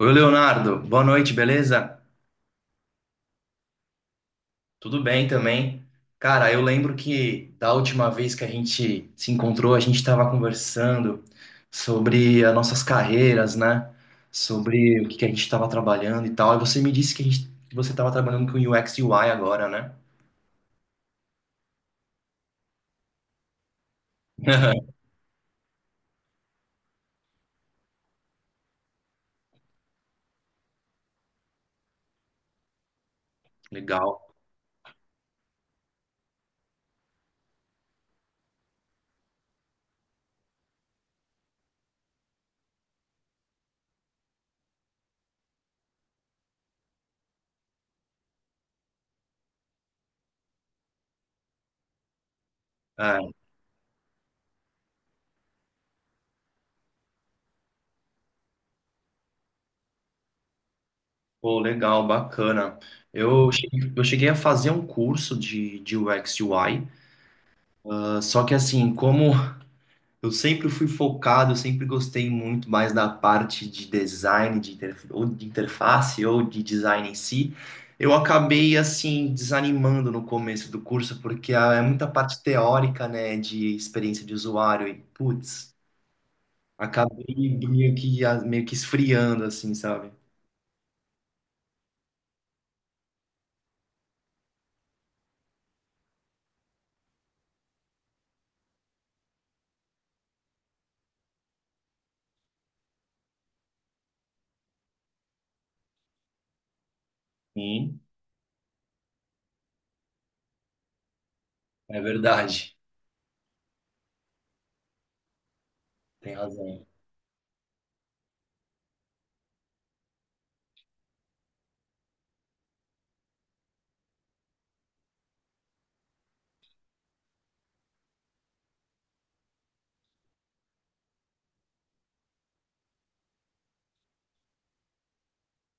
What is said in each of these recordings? Oi, Leonardo. Boa noite, beleza? Tudo bem também. Cara, eu lembro que da última vez que a gente se encontrou, a gente estava conversando sobre as nossas carreiras, né? Sobre o que que a gente estava trabalhando e tal. E você me disse que, que você estava trabalhando com UX e UI agora, né? Legal. É, pô, legal, bacana. Eu cheguei a fazer um curso de UX e UI. Só que, assim, como eu sempre fui focado, eu sempre gostei muito mais da parte de design, de interf- ou de interface, ou de design em si. Eu acabei, assim, desanimando no começo do curso, porque, é muita parte teórica, né, de experiência de usuário, e, putz, acabei meio que, esfriando, assim, sabe? Sim, é verdade. Tem razão.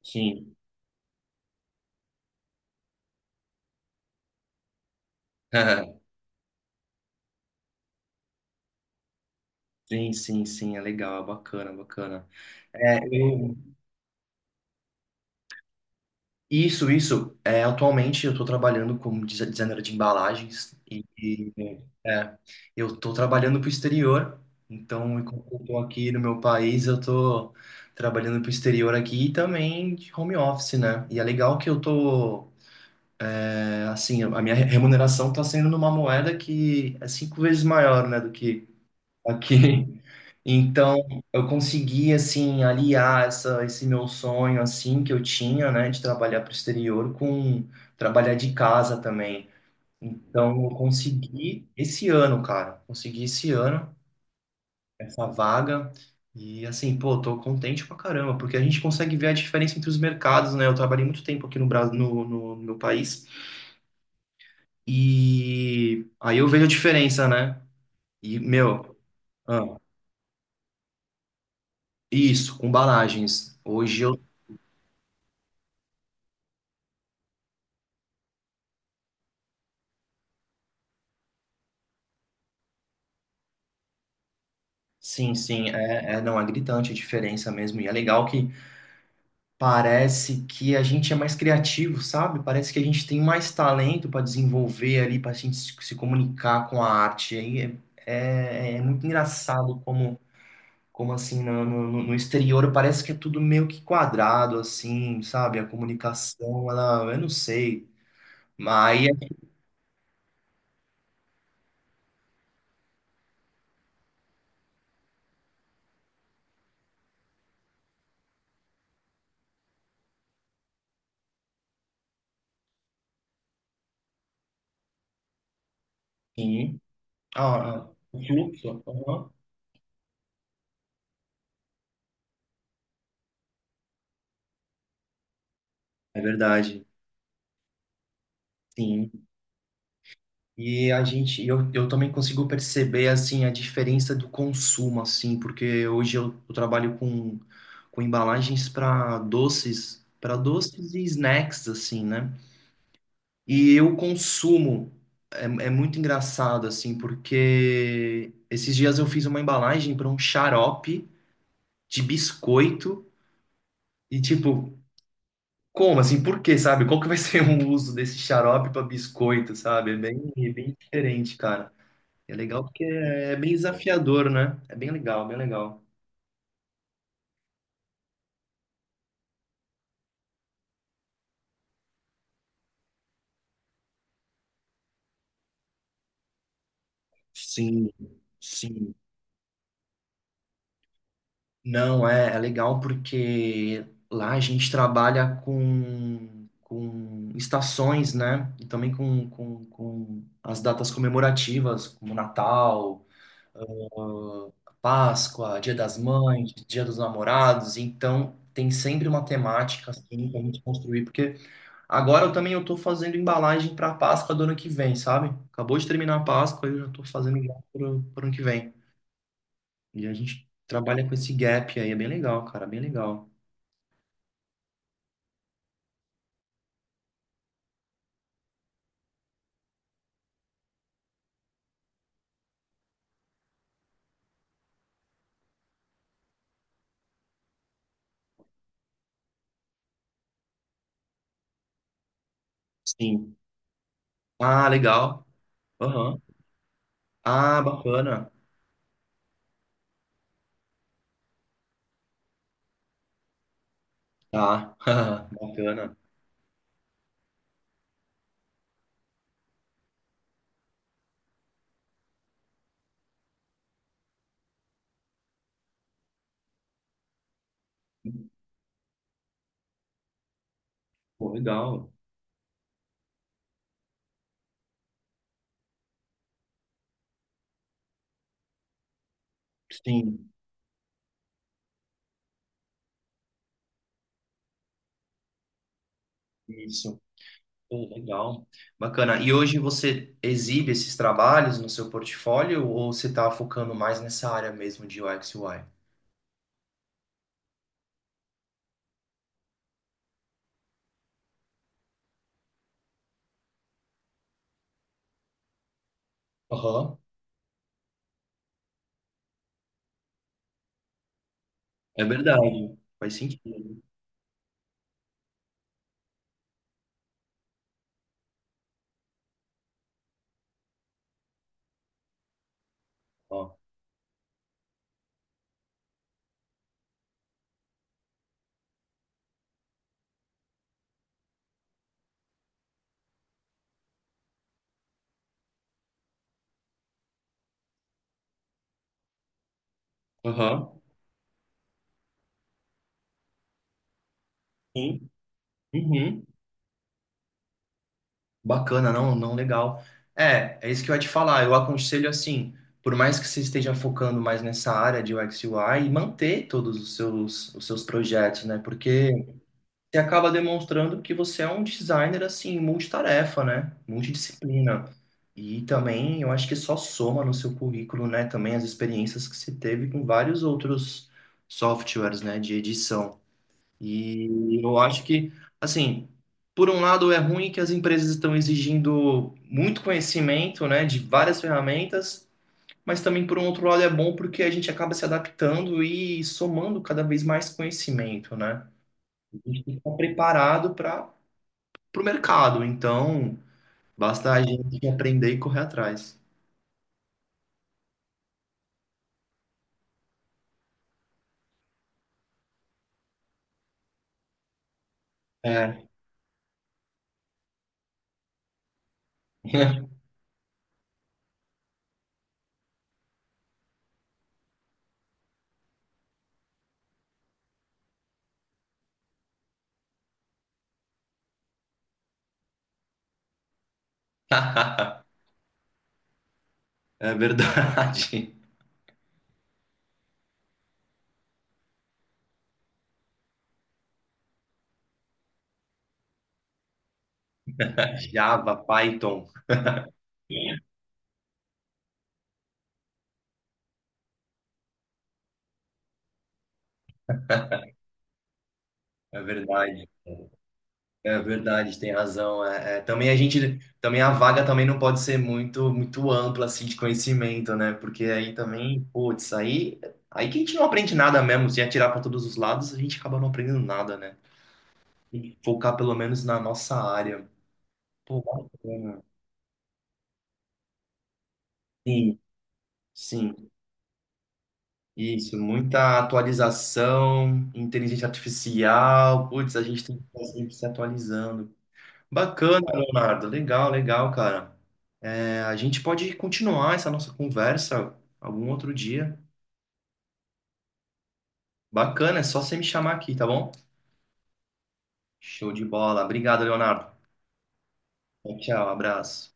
Sim. Sim, sim, sim, é legal, é bacana, bacana. É, eu isso, isso. É, atualmente eu estou trabalhando como designer de embalagens e, é, eu estou trabalhando para o exterior. Então, enquanto eu estou aqui no meu país, eu estou trabalhando para o exterior aqui e também de home office, né? E é legal que eu estou, assim, a minha remuneração está sendo numa moeda que é cinco vezes maior, né, do que aqui. Então, eu consegui, assim, aliar essa, esse meu sonho, assim, que eu tinha, né, de trabalhar para o exterior com trabalhar de casa também. Então, eu consegui esse ano, cara, consegui esse ano essa vaga e, assim, pô, tô contente pra caramba, porque a gente consegue ver a diferença entre os mercados, né? Eu trabalhei muito tempo aqui no Brasil, no meu país, e aí eu vejo a diferença, né? E, meu, ah, isso, com embalagens. Hoje. Sim, sim, é, não, é gritante a diferença mesmo. E é legal que parece que a gente é mais criativo, sabe? Parece que a gente tem mais talento para desenvolver ali, para a gente se comunicar com a arte. Aí é muito engraçado como, assim, no exterior parece que é tudo meio que quadrado, assim, sabe? A comunicação, ela, eu não sei. Mas aí, assim, o fluxo, aham, é verdade, sim. E a gente, eu também consigo perceber, assim, a diferença do consumo, assim, porque hoje eu trabalho com embalagens para doces e snacks, assim, né? E eu consumo. É muito engraçado, assim, porque esses dias eu fiz uma embalagem para um xarope de biscoito e tipo, como assim? Por quê, sabe? Qual que vai ser o uso desse xarope para biscoito, sabe? É bem diferente, cara. É legal porque é bem desafiador, né? É bem legal, bem legal. Sim, sim. Não, é legal porque lá a gente trabalha com estações, né? E também com as datas comemorativas, como Natal, ah, Páscoa, Dia das Mães, Dia dos Namorados. Então, tem sempre uma temática, assim, pra gente construir, porque. Agora eu também eu tô fazendo embalagem para Páscoa do ano que vem, sabe? Acabou de terminar a Páscoa, e eu já tô fazendo já pro ano que vem. E a gente trabalha com esse gap aí, é bem legal, cara, bem legal. Sim. Ah, legal. Aham. Ah, bacana. Tá. Bacana. Pô, legal. Sim, isso. Pô, legal. Bacana. E hoje você exibe esses trabalhos no seu portfólio ou você tá focando mais nessa área mesmo de UX e UI? Aham. É verdade. Faz sentido. Aham. Sim. Uhum. Bacana, não, não, legal. É isso que eu ia te falar. Eu aconselho, assim, por mais que você esteja focando mais nessa área de UX e UI, manter todos os seus, projetos, né? Porque você acaba demonstrando que você é um designer assim, multitarefa, né? Multidisciplina. E também eu acho que só soma no seu currículo, né? Também as experiências que você teve com vários outros softwares, né? De edição. E eu acho que, assim, por um lado é ruim que as empresas estão exigindo muito conhecimento, né, de várias ferramentas, mas também por um outro lado é bom porque a gente acaba se adaptando e somando cada vez mais conhecimento, né? A gente tem que estar preparado para o mercado, então basta a gente aprender e correr atrás. É. É verdade. Java, Python, é verdade. É verdade, tem razão. É, também a gente, também a vaga também não pode ser muito, muito ampla, assim, de conhecimento, né? Porque aí também, putz, aí que a gente não aprende nada mesmo. Se atirar para todos os lados, a gente acaba não aprendendo nada, né? Tem que focar pelo menos na nossa área. Pô, bacana. Sim, sim, isso. Muita atualização, inteligência artificial. Putz, a gente tem que estar sempre se atualizando. Bacana, Leonardo. Legal, legal, cara. É, a gente pode continuar essa nossa conversa algum outro dia. Bacana, é só você me chamar aqui, tá bom? Show de bola. Obrigado, Leonardo. Tchau, tchau, abraço.